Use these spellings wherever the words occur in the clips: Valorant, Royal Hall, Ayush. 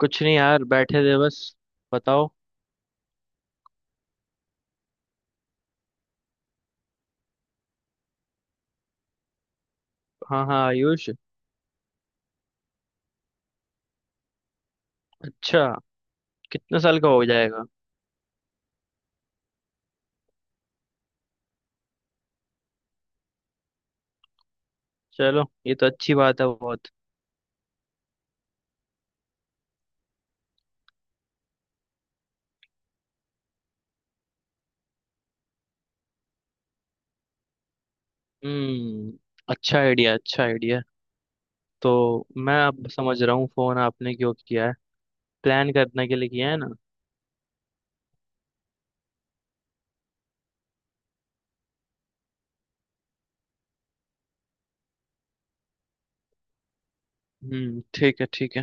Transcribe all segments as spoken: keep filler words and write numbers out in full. कुछ नहीं यार, बैठे थे बस। बताओ। हाँ हाँ, आयुष। अच्छा। कितने साल का हो जाएगा? चलो ये तो अच्छी बात है बहुत। हम्म अच्छा आइडिया, अच्छा आइडिया। तो मैं अब समझ रहा हूँ फोन आपने क्यों किया है। प्लान करने के लिए किया है ना? हम्म ठीक है, ठीक है।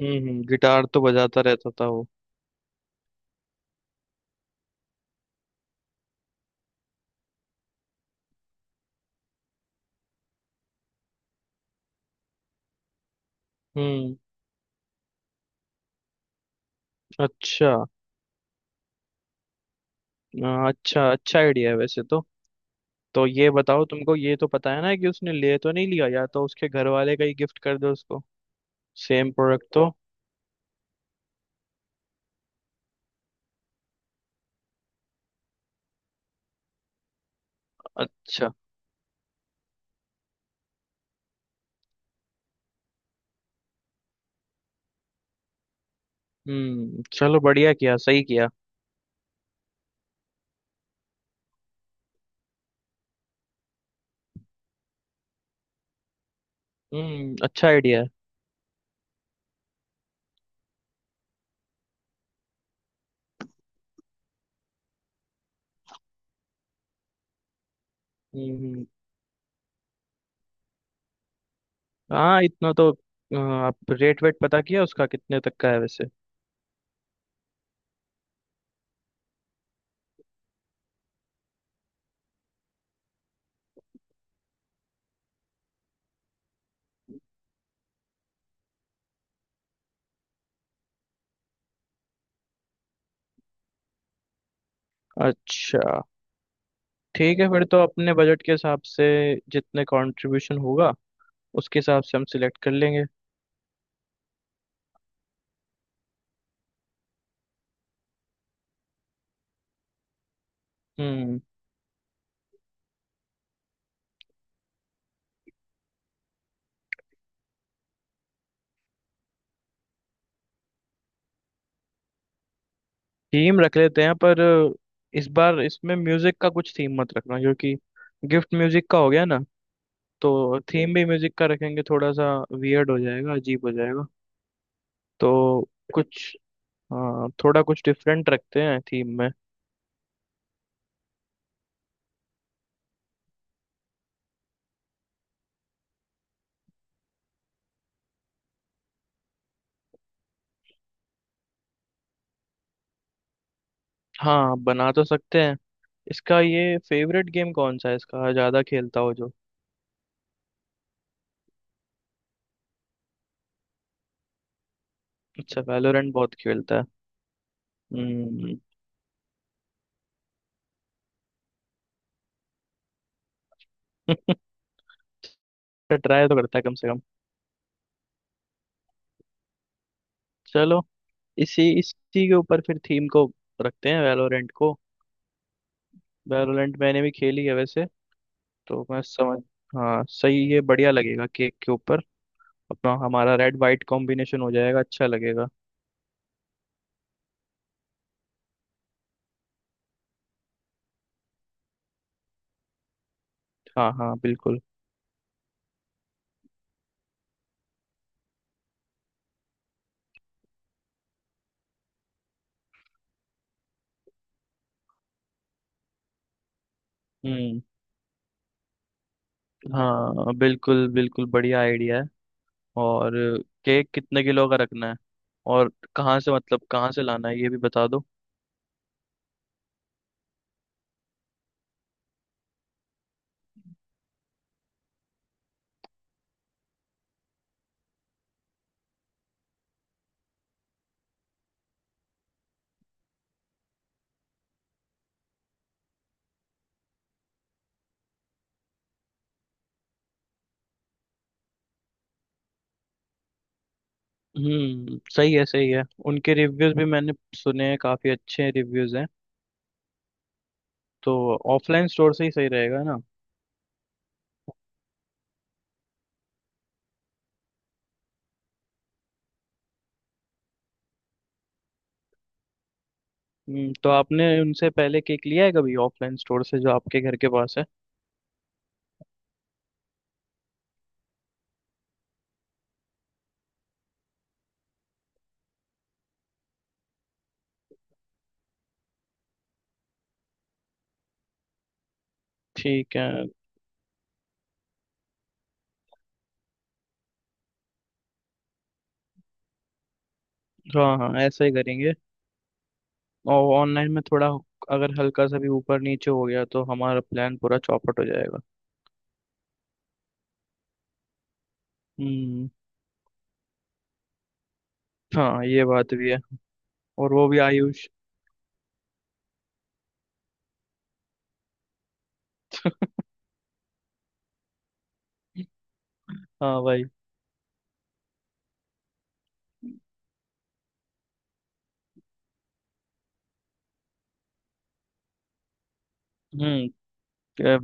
हम्म हम्म, गिटार तो बजाता रहता था वो। हम्म। अच्छा। अ, अच्छा, अच्छा आइडिया है वैसे तो। तो ये बताओ, तुमको ये तो पता है ना कि उसने ले तो नहीं लिया? या तो उसके घर वाले का ही गिफ्ट कर दो उसको, सेम प्रोडक्ट तो। अच्छा। हम्म चलो, बढ़िया किया, सही किया। हम्म अच्छा आइडिया है। हम्म हम्म, हाँ, इतना तो। अ, आप रेट वेट पता किया उसका कितने तक का है वैसे? अच्छा। ठीक है, फिर तो अपने बजट के हिसाब से जितने कंट्रीब्यूशन होगा उसके हिसाब से हम सिलेक्ट कर लेंगे। हम्म। थीम रख लेते हैं, पर इस बार इसमें म्यूजिक का कुछ थीम मत रखना क्योंकि गिफ्ट म्यूजिक का हो गया ना। तो थीम भी म्यूजिक का रखेंगे थोड़ा सा, वियर्ड हो जाएगा, अजीब हो जाएगा। तो कुछ, हाँ थोड़ा कुछ डिफरेंट रखते हैं थीम में। हाँ, बना तो सकते हैं। इसका ये फेवरेट गेम कौन सा है? इसका ज्यादा खेलता हो जो। अच्छा, वैलोरेंट बहुत खेलता है। हम्म। ट्राई तो करता है कम से कम। चलो, इसी इसी के ऊपर फिर थीम को रखते हैं, वैलोरेंट को। वैलोरेंट मैंने भी खेली है वैसे, तो मैं समझ। हाँ सही, ये बढ़िया लगेगा केक के ऊपर। अपना हमारा रेड वाइट कॉम्बिनेशन हो जाएगा, अच्छा लगेगा। हाँ हाँ बिल्कुल। हम्म। हाँ बिल्कुल बिल्कुल, बढ़िया आइडिया है। और केक कितने किलो का रखना है? और कहाँ से, मतलब कहाँ से लाना है ये भी बता दो। हम्म सही है, सही है। उनके रिव्यूज भी मैंने सुने हैं, काफी अच्छे रिव्यूज हैं। तो ऑफलाइन स्टोर से ही सही रहेगा ना? हम्म तो आपने उनसे पहले केक लिया है कभी ऑफलाइन स्टोर से जो आपके घर के पास है? ठीक है। हाँ हाँ, ऐसा ही करेंगे। और ऑनलाइन में थोड़ा अगर हल्का सा भी ऊपर नीचे हो गया तो हमारा प्लान पूरा चौपट हो जाएगा। हम्म हाँ ये बात भी है। और वो भी आयुष। हाँ भाई। हम्म।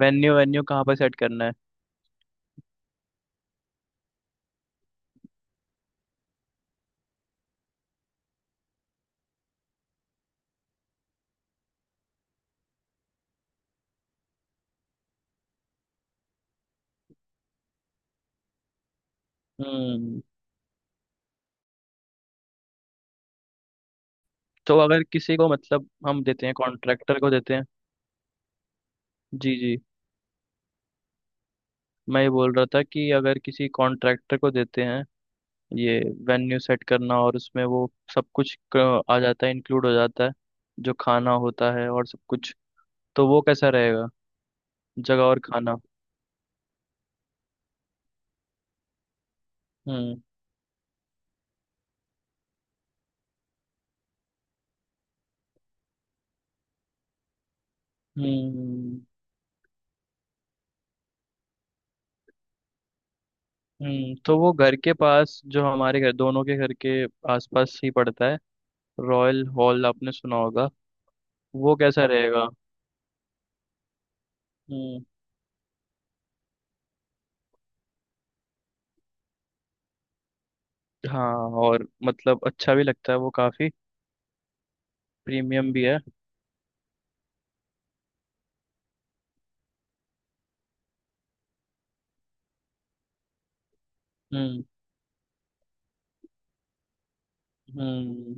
वेन्यू वेन्यू कहाँ पर सेट करना है? हम्म तो अगर किसी को, मतलब हम देते हैं कॉन्ट्रैक्टर को देते हैं। जी जी। मैं ये बोल रहा था कि अगर किसी कॉन्ट्रैक्टर को देते हैं ये वेन्यू सेट करना, और उसमें वो सब कुछ क- आ जाता है, इंक्लूड हो जाता है जो खाना होता है और सब कुछ। तो वो कैसा रहेगा, जगह और खाना? हम्म हम्म हम्म तो वो घर के पास जो हमारे घर, दोनों के घर के आसपास ही पड़ता है, रॉयल हॉल आपने सुना होगा? वो कैसा रहेगा? हाँ, और मतलब अच्छा भी लगता है वो काफी, प्रीमियम भी है। हम्म हम्म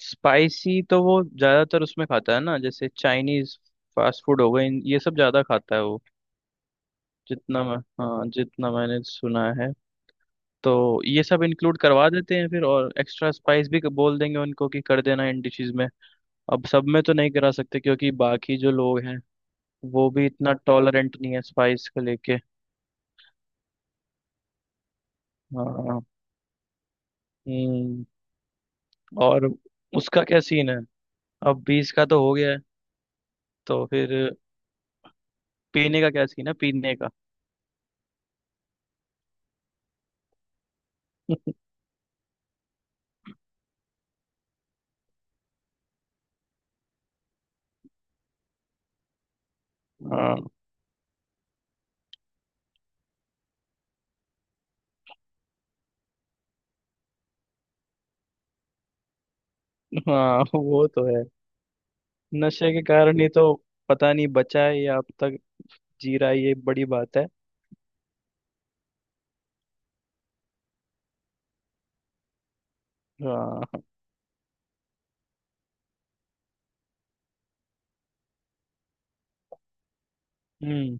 स्पाइसी तो वो ज्यादातर उसमें खाता है ना, जैसे चाइनीज, फास्ट फूड हो गए, इन- ये सब ज्यादा खाता है वो। जितना मैं हाँ, जितना मैंने सुना है। तो ये सब इंक्लूड करवा देते हैं फिर, और एक्स्ट्रा स्पाइस भी बोल देंगे उनको कि कर देना इन डिशेस में। अब सब में तो नहीं करा सकते क्योंकि बाकी जो लोग हैं वो भी इतना टॉलरेंट नहीं है स्पाइस को लेके। हाँ। हम्म। और उसका क्या सीन है? अब बीस का तो हो गया है, तो फिर पीने का क्या सीन है, पीने का? हाँ हाँ, वो तो है। नशे के कारण ही तो, पता नहीं बचा है या अब तक जी रहा है, ये बड़ी बात है। हाँ। हम्म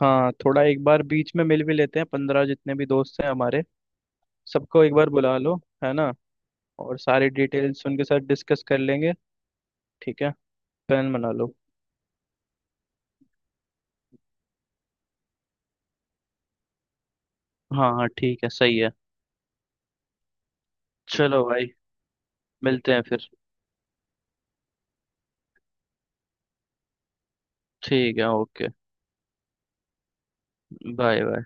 हाँ थोड़ा एक बार बीच में मिल भी लेते हैं, पंद्रह जितने भी दोस्त हैं हमारे सबको एक बार बुला लो, है ना? और सारी डिटेल्स उनके साथ डिस्कस कर लेंगे। ठीक है, प्लान बना लो। हाँ हाँ ठीक है, सही है। चलो भाई, मिलते हैं फिर। ठीक है, ओके। Bye bye.